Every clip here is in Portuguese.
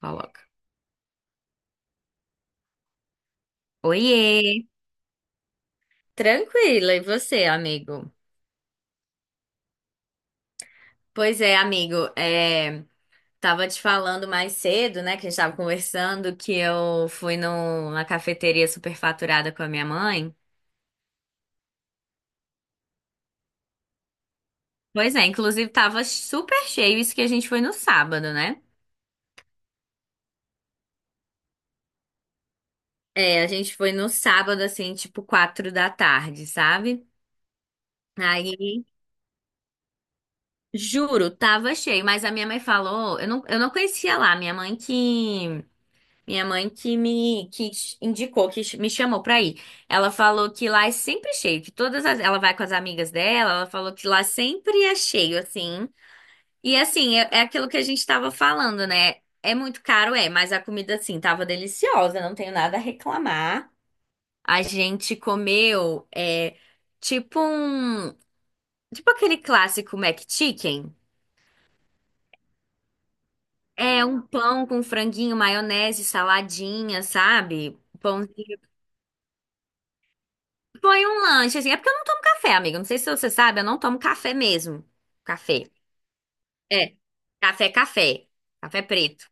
Coloca. Oiê! Tranquila, e você, amigo? Pois é, amigo, é, tava te falando mais cedo, né, que a gente tava conversando, que eu fui numa cafeteria superfaturada com a minha mãe. Pois é, inclusive tava super cheio, isso que a gente foi no sábado, né? É, a gente foi no sábado, assim, tipo 4 da tarde, sabe? Aí, juro, tava cheio, mas a minha mãe falou, eu não conhecia lá, minha mãe que Minha mãe que me que indicou, que me chamou pra ir. Ela falou que lá é sempre cheio, que todas as, ela vai com as amigas dela, ela falou que lá sempre é cheio, assim. E assim, é, é aquilo que a gente tava falando, né? É muito caro, é, mas a comida, assim, tava deliciosa, não tenho nada a reclamar. A gente comeu, é, tipo um, tipo aquele clássico McChicken. É um pão com franguinho, maionese, saladinha, sabe? Pão Foi um lanche, assim. É porque eu não tomo café, amiga. Não sei se você sabe, eu não tomo café mesmo. Café. É. Café, café. Café preto.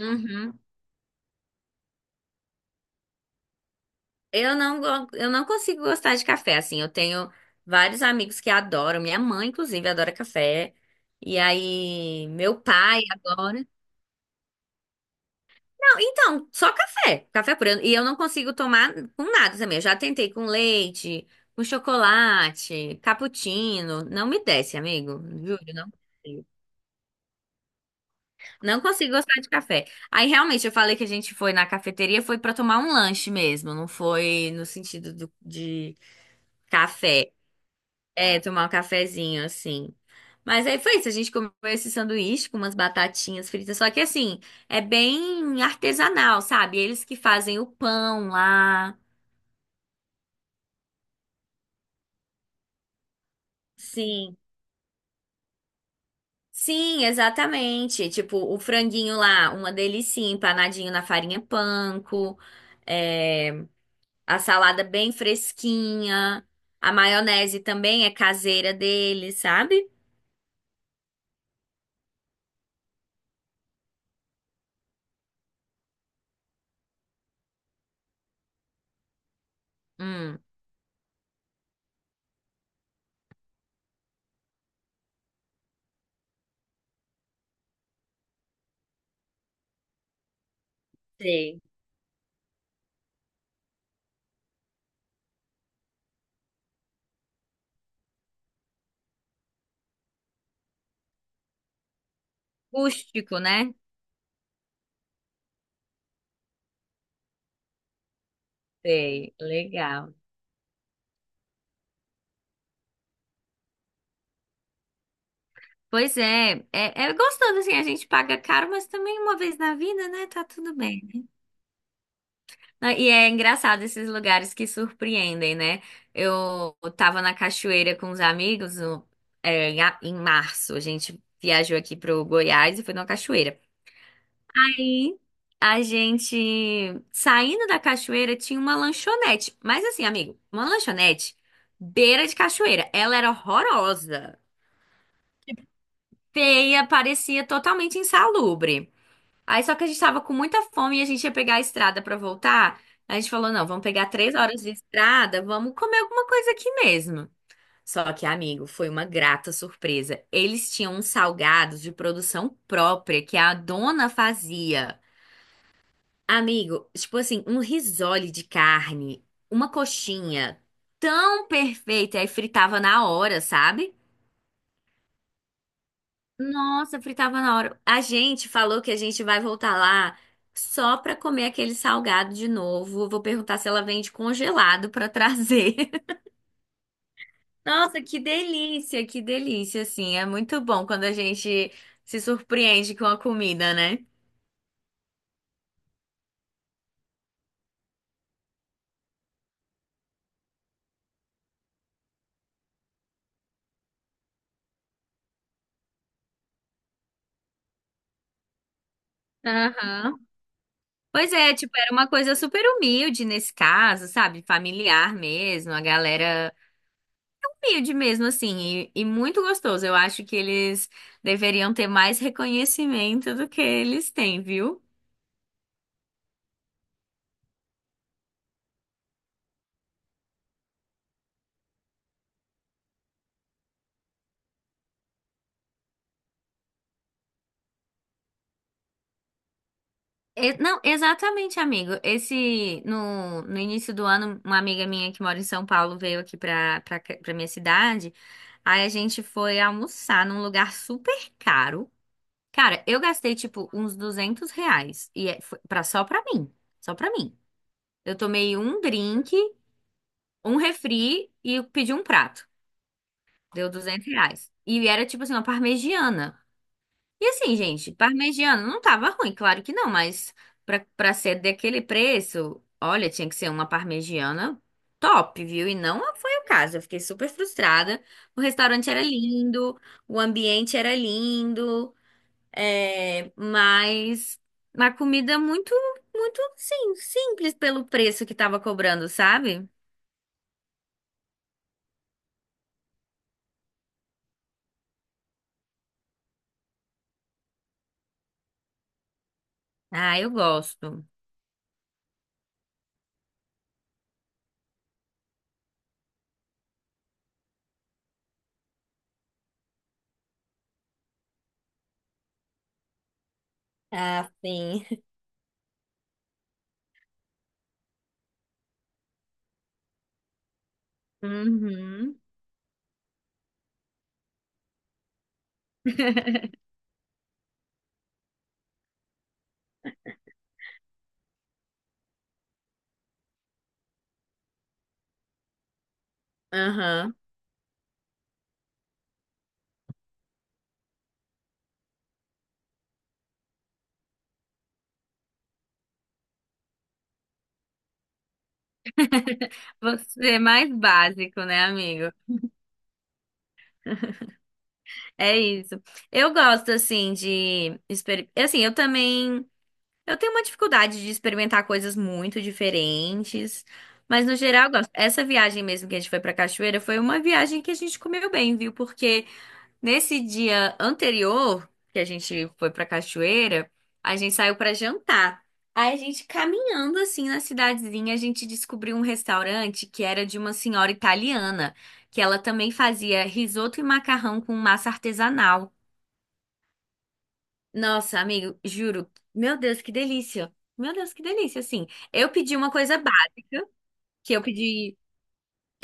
Uhum. Eu não consigo gostar de café, assim. Eu tenho vários amigos que adoram. Minha mãe, inclusive, adora café. E aí, meu pai adora. Não, então, só café. Café preto. E eu não consigo tomar com nada também. Eu já tentei com leite, com chocolate, cappuccino. Não me desce, amigo. Juro, não. Não consigo gostar de café. Aí realmente eu falei que a gente foi na cafeteria, foi pra tomar um lanche mesmo, não foi no sentido de café. É, tomar um cafezinho assim. Mas aí foi isso, a gente comeu esse sanduíche com umas batatinhas fritas, só que assim, é bem artesanal, sabe? Eles que fazem o pão lá. Sim. Sim, exatamente. Tipo, o franguinho lá, uma delícia, empanadinho na farinha panko. É... A salada bem fresquinha. A maionese também é caseira dele, sabe? Hum, sei. Rústico, né? Sei. Legal. Pois é, é, é gostoso assim, a gente paga caro, mas também uma vez na vida, né? Tá tudo bem. Ah, e é engraçado esses lugares que surpreendem, né? Eu tava na cachoeira com os amigos é, em, em março, a gente viajou aqui pro Goiás e foi numa cachoeira. Aí a gente saindo da cachoeira tinha uma lanchonete. Mas assim, amigo, uma lanchonete beira de cachoeira. Ela era horrorosa, feia, parecia totalmente insalubre. Aí só que a gente tava com muita fome e a gente ia pegar a estrada pra voltar. A gente falou, não, vamos pegar 3 horas de estrada, vamos comer alguma coisa aqui mesmo. Só que, amigo, foi uma grata surpresa. Eles tinham uns salgados de produção própria que a dona fazia. Amigo, tipo assim, um risole de carne, uma coxinha tão perfeita, aí fritava na hora, sabe? Nossa, fritava na hora. A gente falou que a gente vai voltar lá só pra comer aquele salgado de novo. Vou perguntar se ela vende congelado pra trazer. Nossa, que delícia, assim. É muito bom quando a gente se surpreende com a comida, né? Aham. Pois é, tipo, era uma coisa super humilde nesse caso, sabe? Familiar mesmo, a galera humilde mesmo, assim, e muito gostoso. Eu acho que eles deveriam ter mais reconhecimento do que eles têm, viu? Não, exatamente, amigo. Esse, no, no início do ano, uma amiga minha que mora em São Paulo veio aqui pra minha cidade. Aí a gente foi almoçar num lugar super caro. Cara, eu gastei, tipo, uns R$ 200 e foi pra, só pra mim. Só pra mim. Eu tomei um drink, um refri e pedi um prato. Deu R$ 200. E era tipo assim, uma parmegiana. E assim, gente, parmegiana não tava ruim, claro que não, mas pra ser daquele preço, olha, tinha que ser uma parmegiana top, viu? E não foi o caso. Eu fiquei super frustrada. O restaurante era lindo, o ambiente era lindo, é, mas uma comida muito, muito, sim, simples pelo preço que tava cobrando, sabe? Ah, eu gosto. Ah, sim. Uhum. Aham. Você é mais básico, né, amigo? É isso. Eu gosto, assim, de... Assim, eu também... Eu tenho uma dificuldade de experimentar coisas muito diferentes, mas no geral eu gosto. Essa viagem mesmo que a gente foi pra Cachoeira foi uma viagem que a gente comeu bem, viu? Porque nesse dia anterior, que a gente foi pra cachoeira, a gente saiu pra jantar. Aí a gente caminhando assim na cidadezinha, a gente descobriu um restaurante que era de uma senhora italiana, que ela também fazia risoto e macarrão com massa artesanal. Nossa, amigo, juro, meu Deus, que delícia. Meu Deus, que delícia, assim. Eu pedi uma coisa básica, que eu pedi,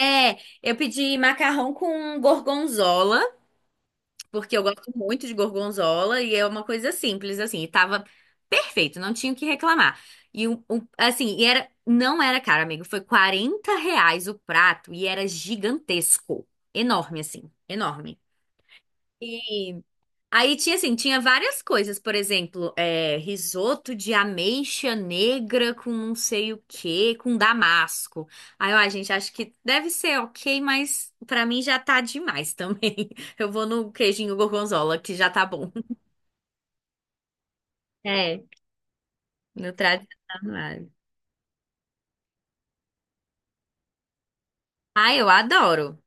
é, eu pedi macarrão com gorgonzola. Porque eu gosto muito de gorgonzola e é uma coisa simples, assim, e tava perfeito, não tinha o que reclamar. E assim, e era, não era caro, amigo, foi R$ 40 o prato e era gigantesco, enorme, assim, enorme. E aí tinha assim, tinha várias coisas, por exemplo, é, risoto de ameixa negra com não sei o quê, com damasco. Aí, ó, gente, acho que deve ser ok, mas pra mim já tá demais também. Eu vou no queijinho gorgonzola, que já tá bom. É, no tradicional. Ah, eu adoro,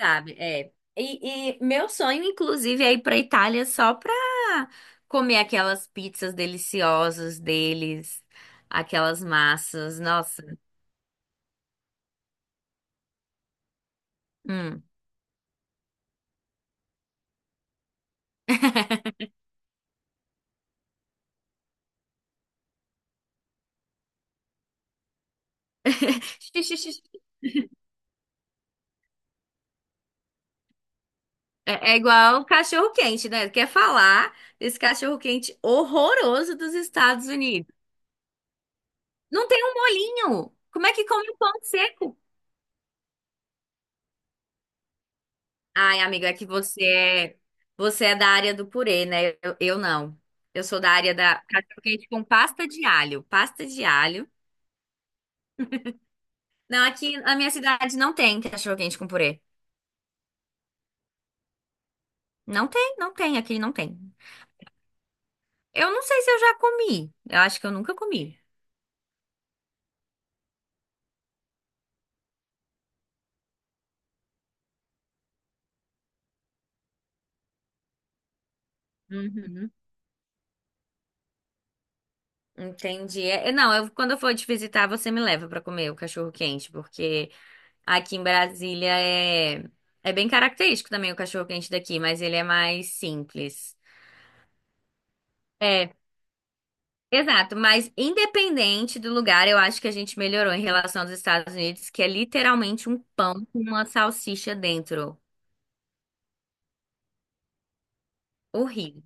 sabe? É. E, e meu sonho, inclusive, é ir pra Itália só pra comer aquelas pizzas deliciosas deles, aquelas massas. Nossa. Hum. É, é igual cachorro quente, né? Quer falar desse cachorro quente horroroso dos Estados Unidos? Não tem um molinho. Como é que come um pão seco? Ai, amiga, é que você é da área do purê, né? Eu não. Eu sou da área da cachorro quente com pasta de alho. Pasta de alho. Não, aqui na minha cidade não tem cachorro quente com purê. Não tem, não tem, aqui não tem. Eu não sei se eu já comi. Eu acho que eu nunca comi. Uhum. Entendi. É, é, não, eu, quando eu for te visitar, você me leva pra comer o cachorro quente, porque aqui em Brasília é, é bem característico também o cachorro quente daqui, mas ele é mais simples. É, exato. Mas independente do lugar, eu acho que a gente melhorou em relação aos Estados Unidos, que é literalmente um pão com uma salsicha dentro. Horrível.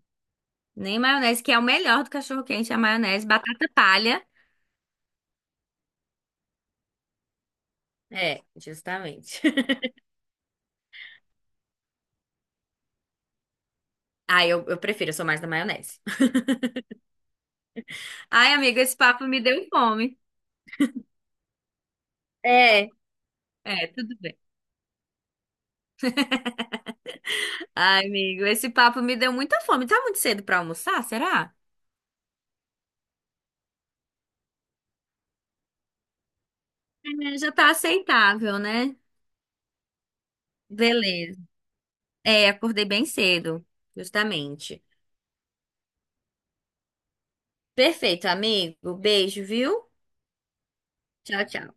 Nem maionese, que é o melhor do cachorro quente, é a maionese, batata palha. É, justamente. Ah, eu prefiro, eu sou mais da maionese. Ai, amiga, esse papo me deu fome. É, é, tudo bem. Ai, amigo, esse papo me deu muita fome. Tá muito cedo pra almoçar, será? É, já tá aceitável, né? Beleza. É, acordei bem cedo, justamente. Perfeito, amigo. Beijo, viu? Tchau, tchau.